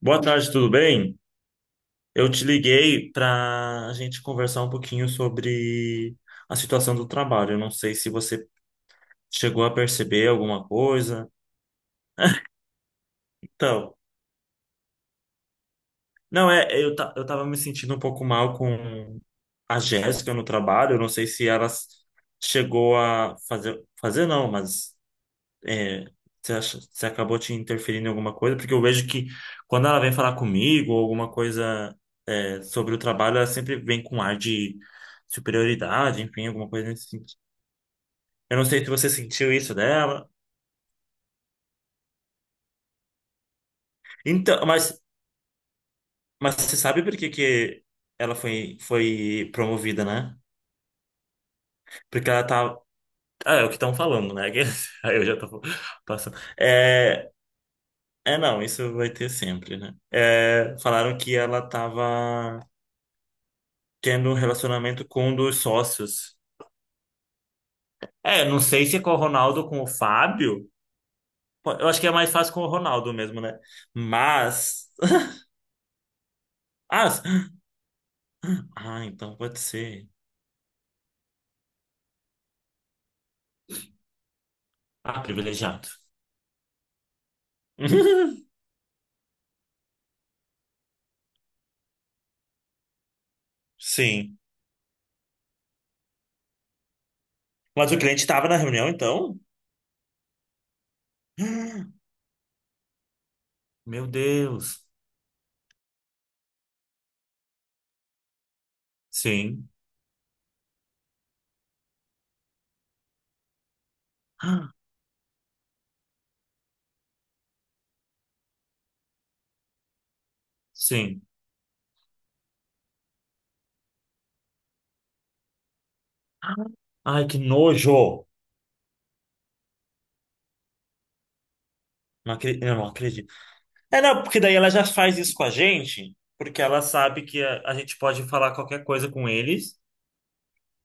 Boa tarde, tudo bem? Eu te liguei para a gente conversar um pouquinho sobre a situação do trabalho. Eu não sei se você chegou a perceber alguma coisa. Então, não é, eu tava me sentindo um pouco mal com a Jéssica no trabalho. Eu não sei se chegou a fazer, fazer não, Mas é, você acha, você acabou te interferindo em alguma coisa? Porque eu vejo que quando ela vem falar comigo ou alguma coisa é, sobre o trabalho, ela sempre vem com um ar de superioridade, enfim, alguma coisa nesse sentido. Eu não sei se você sentiu isso dela. Então, mas você sabe por que que ela foi promovida, né? Porque ela tá. Ah, é o que estão falando, né? Aí eu já tô passando. É, é, não, isso vai ter sempre, né? É, falaram que ela tava tendo um relacionamento com um dos sócios. É, não sei se é com o Ronaldo ou com o Fábio. Pô, eu acho que é mais fácil com o Ronaldo mesmo, né? Mas. Ah, s- ah, então pode ser. Ah, privilegiado. Sim. Mas o cliente estava na reunião, então? Meu Deus. Sim. Ah, sim. Ah, ai, que nojo! Eu não acredito. É, não, porque daí ela já faz isso com a gente, porque ela sabe que a gente pode falar qualquer coisa com eles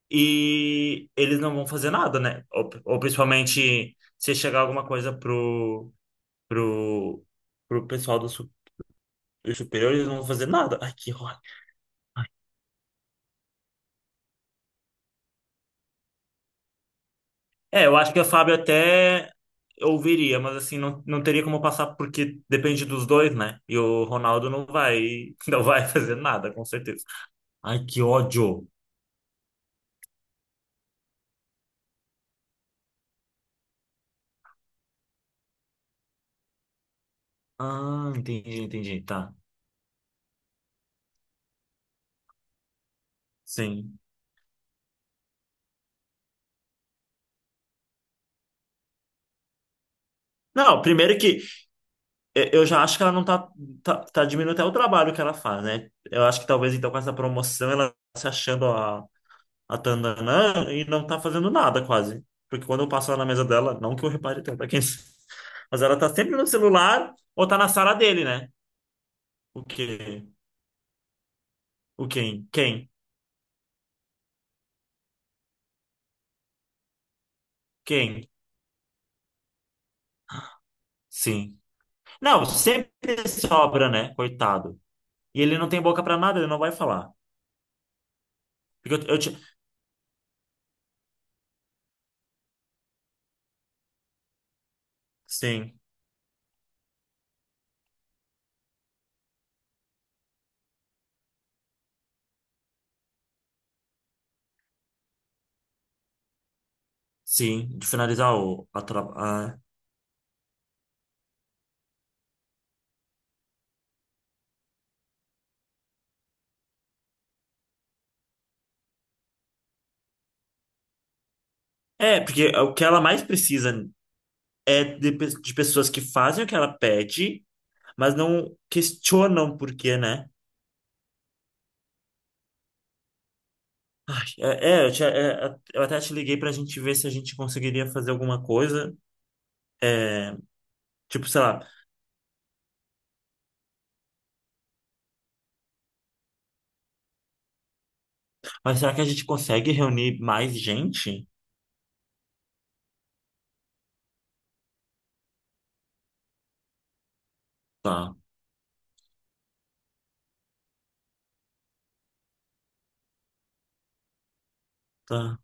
e eles não vão fazer nada, né? Ou principalmente se chegar alguma coisa pro, pro pessoal do superior, eles não vão fazer nada. Ai, que ódio. É, eu acho que a Fábio até ouviria, mas assim, não, não teria como passar porque depende dos dois, né? E o Ronaldo não vai, não vai fazer nada, com certeza. Ai, que ódio. Ah, entendi, entendi, tá. Sim. Não, primeiro que eu já acho que ela não tá diminuindo até o trabalho que ela faz, né? Eu acho que talvez então com essa promoção ela tá se achando a Tandanã e não tá fazendo nada quase. Porque quando eu passo lá na mesa dela, não que eu repare tanto, mas ela tá sempre no celular ou tá na sala dele, né? O quê? O quem? Quem? Sim. Não, sempre sobra, né? Coitado. E ele não tem boca pra nada, ele não vai falar. Porque eu ti- Sim, sim, de finalizar o, a, tra- a- é, porque o que ela mais precisa é de pessoas que fazem o que ela pede, mas não questionam por quê, né? Ai, é, é, eu até te liguei pra gente ver se a gente conseguiria fazer alguma coisa. Tipo, sei lá, mas será que a gente consegue reunir mais gente? Tá, tá.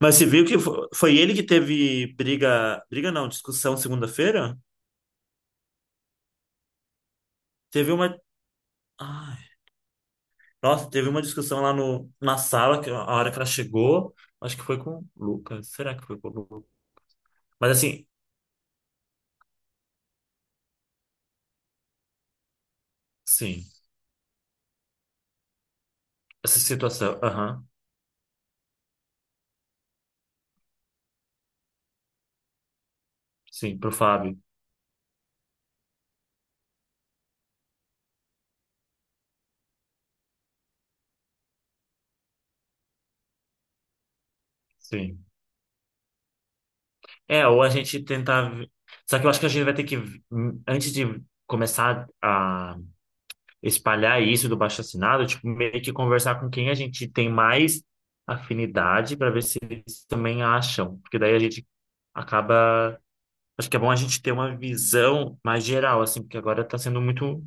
Mas você viu que foi ele que teve briga, briga não, discussão segunda-feira? Teve uma, ai, nossa, teve uma discussão lá no, na sala, que a hora que ela chegou, acho que foi com o Lucas. Será que foi com o Lucas? Mas assim, sim, essa situação, aham, sim, pro Fábio, sim. É, ou a gente tentar. Só que eu acho que a gente vai ter que, antes de começar a espalhar isso do baixo-assinado, tipo, meio que conversar com quem a gente tem mais afinidade para ver se eles também acham. Porque daí a gente acaba. Acho que é bom a gente ter uma visão mais geral, assim, porque agora tá sendo muito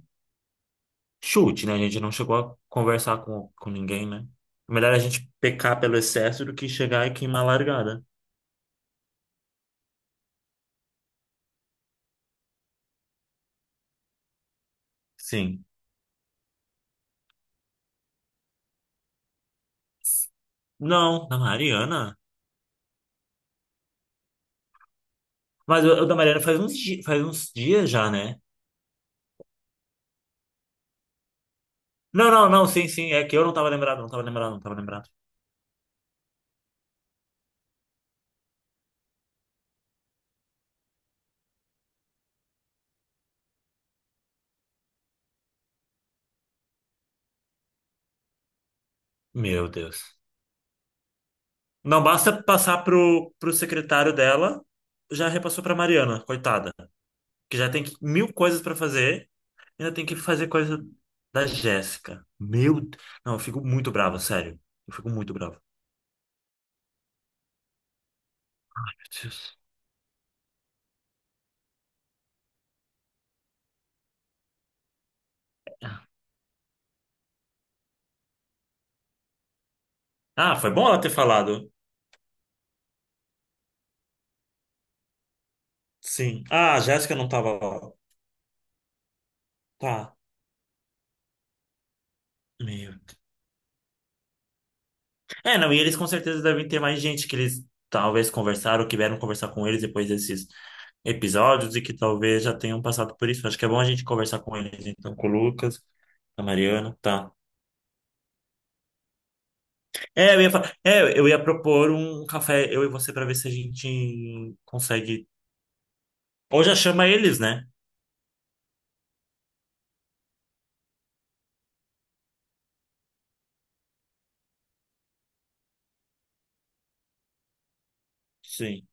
chute, né? A gente não chegou a conversar com ninguém, né? Melhor a gente pecar pelo excesso do que chegar e queimar a largada. Sim. Não, da Mariana? Mas o da Mariana faz uns, faz uns dias já, né? Não, não, não, sim, sim. É que eu não tava lembrado, não tava lembrado. Meu Deus. Não basta passar pro, pro secretário dela, já repassou pra Mariana, coitada. Que já mil coisas pra fazer, ainda tem que fazer coisa da Jéssica. Meu, não, eu fico muito bravo, sério. Eu fico muito bravo. Ah, foi bom ela ter falado. Sim. Ah, a Jéssica não tava lá. Tá. Meio. É, não, e eles com certeza devem ter mais gente que eles talvez conversaram, que vieram conversar com eles depois desses episódios e que talvez já tenham passado por isso. Acho que é bom a gente conversar com eles, então, com o Lucas, a Mariana, tá. É, é, eu ia propor um café, eu e você, pra ver se a gente consegue. Ou já chama eles, né? Sim.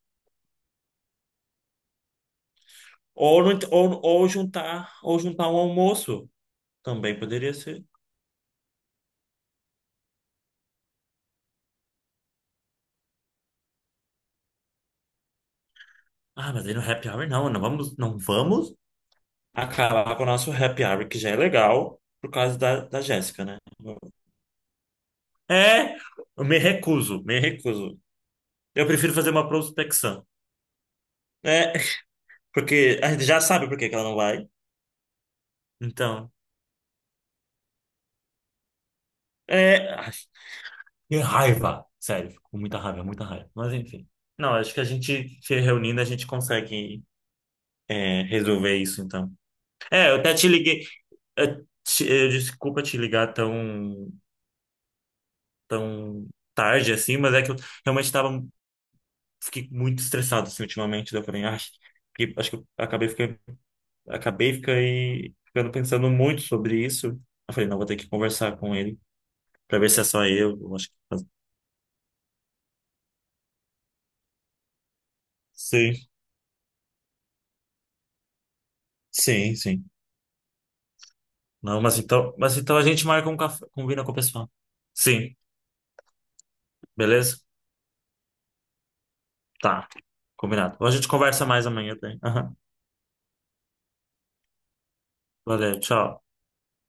Ou, ou juntar um almoço. Também poderia ser. Ah, mas aí no happy hour não, não vamos acabar com o nosso happy hour, que já é legal, por causa da Jéssica, né? É, eu me recuso, me recuso. Eu prefiro fazer uma prospecção. É, porque a gente já sabe por que que ela não vai. Então, é. Ai, que raiva! Sério, fico com muita raiva, muita raiva. Mas enfim. Não, acho que a gente se reunindo, a gente consegue é, resolver isso, então. É, eu até te liguei. Desculpa te ligar tão tão tarde assim, mas é que eu realmente tava, fiquei muito estressado assim ultimamente, daí eu falei, ai, acho que eu acabei ficando, ficando pensando muito sobre isso. Eu falei, não, vou ter que conversar com ele pra ver se é só eu acho que sim, sim, sim. Não, mas então a gente marca um café, combina com o pessoal. Sim, beleza? Tá, combinado. A gente conversa mais amanhã, tá? Aham. Valeu, tchau.